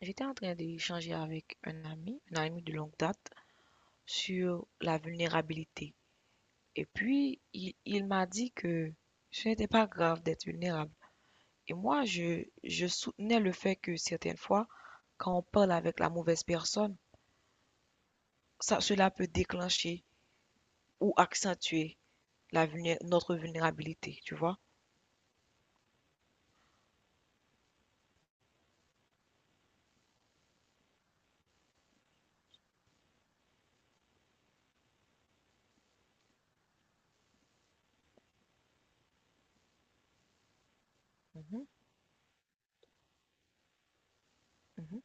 J'étais en train d'échanger avec un ami de longue date, sur la vulnérabilité. Et puis, il m'a dit que ce n'était pas grave d'être vulnérable. Et moi, je soutenais le fait que certaines fois, quand on parle avec la mauvaise personne, cela peut déclencher ou accentuer notre vulnérabilité, tu vois? Mhm, mhm,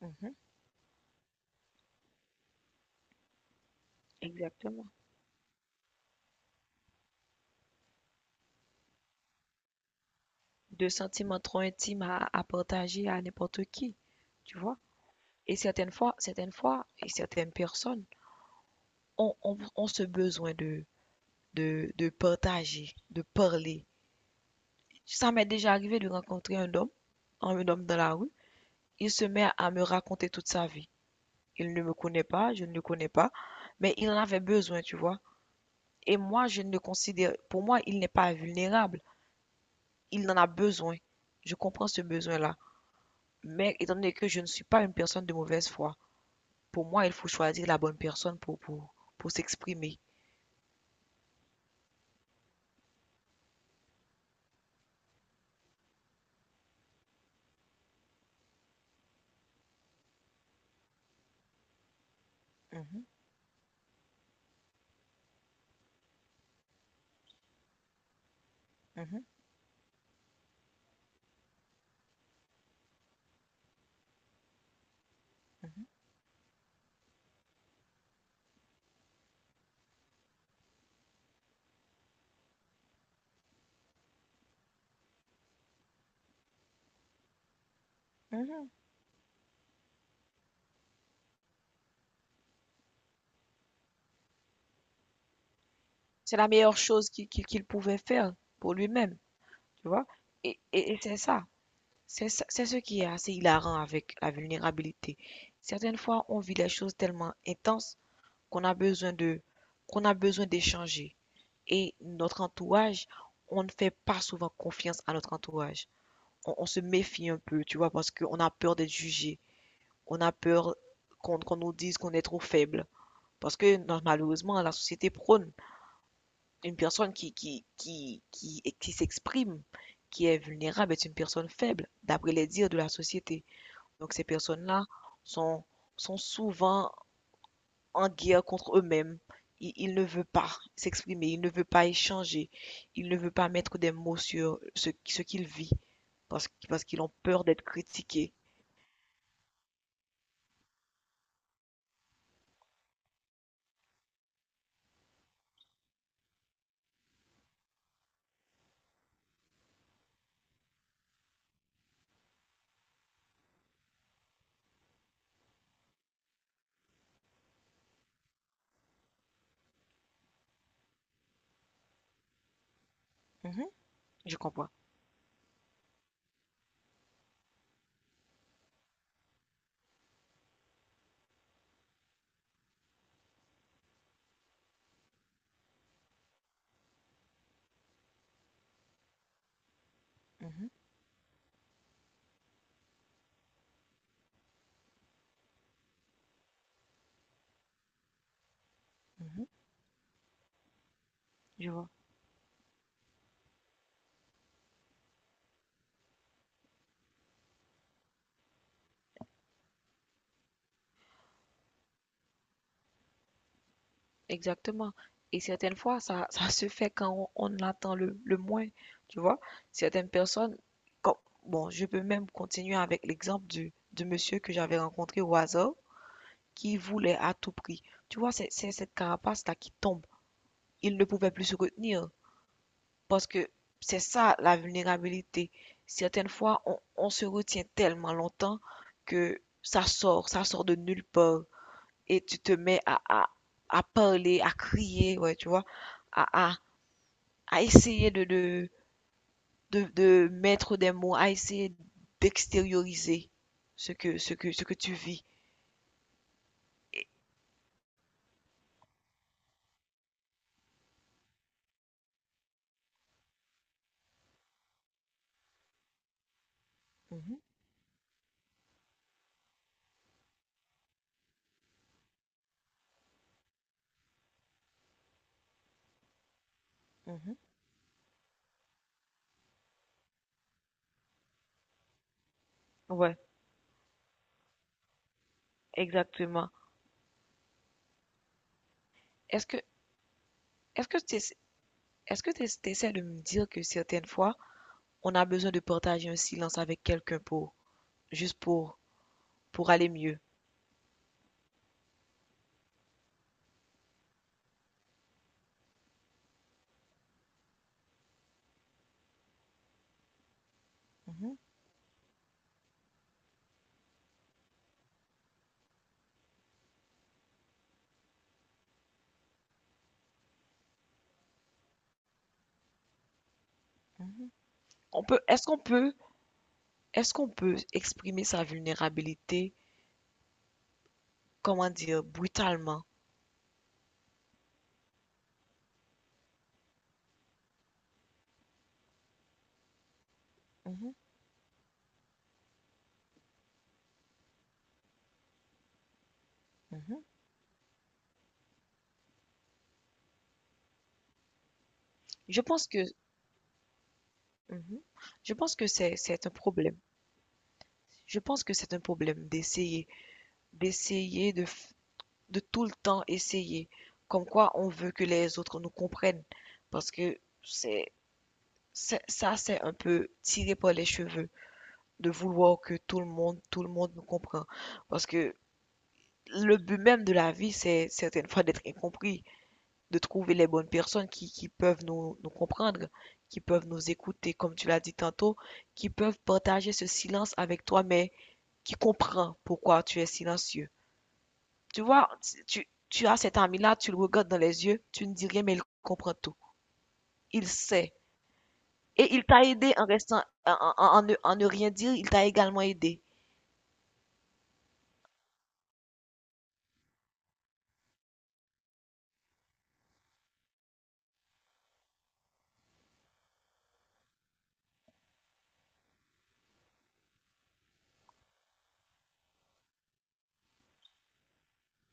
mhm, exactement. De sentiments trop intimes à partager à n'importe qui, tu vois? Et certaines fois, et certaines personnes ont ce besoin de, de partager, de parler. Ça m'est déjà arrivé de rencontrer un homme dans la rue. Il se met à me raconter toute sa vie. Il ne me connaît pas, je ne le connais pas, mais il en avait besoin, tu vois. Et moi, je ne le considère, pour moi, il n'est pas vulnérable. Il en a besoin. Je comprends ce besoin-là. Mais étant donné que je ne suis pas une personne de mauvaise foi, pour moi, il faut choisir la bonne personne pour s'exprimer. Mhm. Mhm, mhm, mhm. C'est la meilleure chose qu'il pouvait faire pour lui-même, tu vois. Et c'est ça. C'est ce qui est assez hilarant avec la vulnérabilité. Certaines fois, on vit les choses tellement intenses qu'on a besoin de, qu'on a besoin d'échanger. Et notre entourage, on ne fait pas souvent confiance à notre entourage. On se méfie un peu, tu vois, parce qu'on a peur d'être jugé. On a peur qu'on nous dise qu'on est trop faible. Parce que non, malheureusement, la société prône une personne qui s'exprime, qui est vulnérable, est une personne faible, d'après les dires de la société. Donc ces personnes-là sont, sont souvent en guerre contre eux-mêmes. Ils ne veulent pas s'exprimer, ils ne veulent pas échanger, ils ne veulent pas mettre des mots sur ce qu'ils vivent parce qu'ils ont peur d'être critiqués. Mhm, je comprends. Mhm, mhm, je vois. Exactement. Et certaines fois, ça se fait quand on attend le moins, tu vois. Certaines personnes, comme, bon, je peux même continuer avec l'exemple du monsieur que j'avais rencontré au hasard, qui voulait à tout prix. Tu vois, c'est cette carapace-là qui tombe. Il ne pouvait plus se retenir, parce que c'est ça la vulnérabilité. Certaines fois, on se retient tellement longtemps que ça sort de nulle part et tu te mets à parler, à crier, ouais, tu vois, à, à, à essayer de mettre des mots, à essayer d'extérioriser ce que tu vis. Mhm, mhm. Ouais, exactement. Est-ce que, est-ce que tu est-ce que tu essaies de me dire que certaines fois, on a besoin de partager un silence avec quelqu'un pour, juste pour aller mieux? Mhm, mhm. On peut, est-ce qu'on peut exprimer sa vulnérabilité, comment dire, brutalement? Mhm, mhm. Je pense que, mhm. Je pense que c'est un problème. Je pense que c'est un problème d'essayer, d'essayer de, de tout le temps essayer. Comme quoi, on veut que les autres nous comprennent. Parce que ça, c'est un peu tiré par les cheveux de vouloir que tout le monde nous comprenne. Parce que le but même de la vie, c'est certaines fois d'être incompris. De trouver les bonnes personnes qui peuvent nous, nous comprendre, qui peuvent nous écouter, comme tu l'as dit tantôt, qui peuvent partager ce silence avec toi, mais qui comprend pourquoi tu es silencieux. Tu vois, tu as cet ami-là, tu le regardes dans les yeux, tu ne dis rien, mais il comprend tout. Il sait. Et il t'a aidé en restant, en ne rien dire, il t'a également aidé.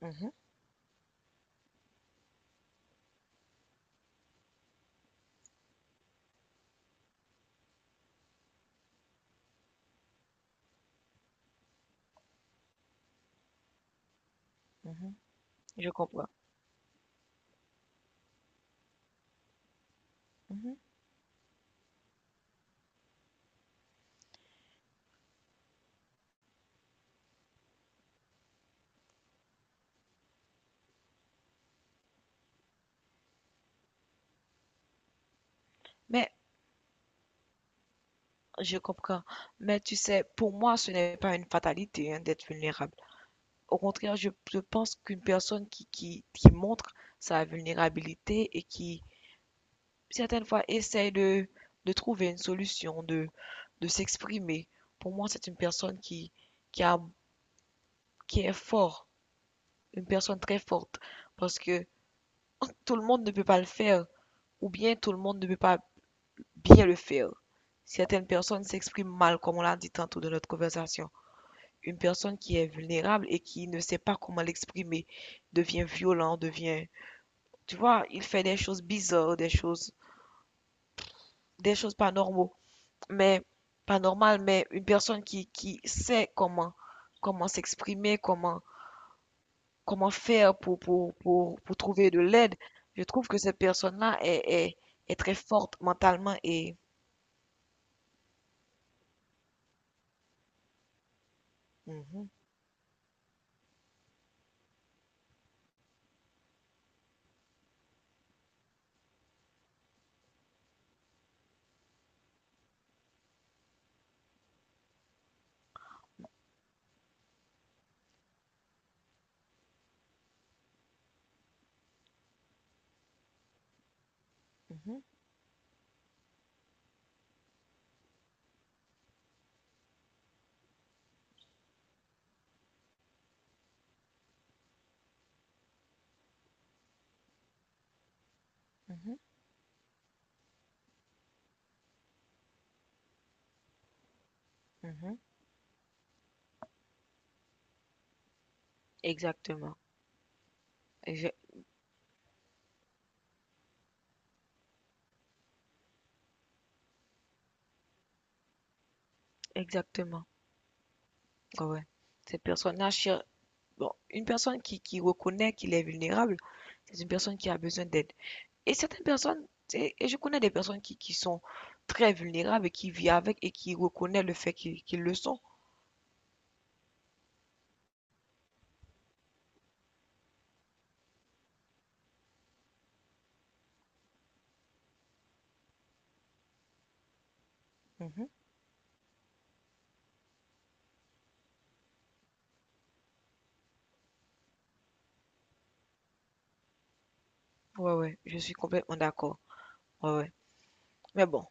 Mhm, mhm, je comprends. Mhm. Mais je comprends. Mais tu sais, pour moi, ce n'est pas une fatalité, hein, d'être vulnérable. Au contraire, je pense qu'une personne qui montre sa vulnérabilité et qui, certaines fois, essaie de trouver une solution, de s'exprimer, pour moi, c'est une personne qui, a, qui est forte, une personne très forte, parce que tout le monde ne peut pas le faire, ou bien tout le monde ne peut pas bien le faire. Certaines personnes s'expriment mal, comme on l'a dit tantôt dans notre conversation. Une personne qui est vulnérable et qui ne sait pas comment l'exprimer devient violent, devient... Tu vois, il fait des choses bizarres, des choses pas normaux, mais pas normales, mais une personne qui sait comment, comment s'exprimer, comment, comment faire pour trouver de l'aide. Je trouve que cette personne-là est très forte mentalement et... Mhm, mhm, mhm, mhm. Exactement. Exa- Exactement. Ouais. Cette personne-là, bon, une personne qui reconnaît qu'il est vulnérable, c'est une personne qui a besoin d'aide. Et certaines personnes, et je connais des personnes qui sont très vulnérables et qui vivent avec et qui reconnaissent le fait qu'ils le sont. Mhm. Ouais, ouais, je suis complètement d'accord. Ouais, ouais. Mais bon,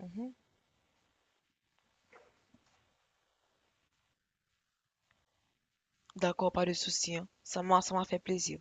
mhm. D'accord, pas de souci, hein. Ça m'a fait plaisir.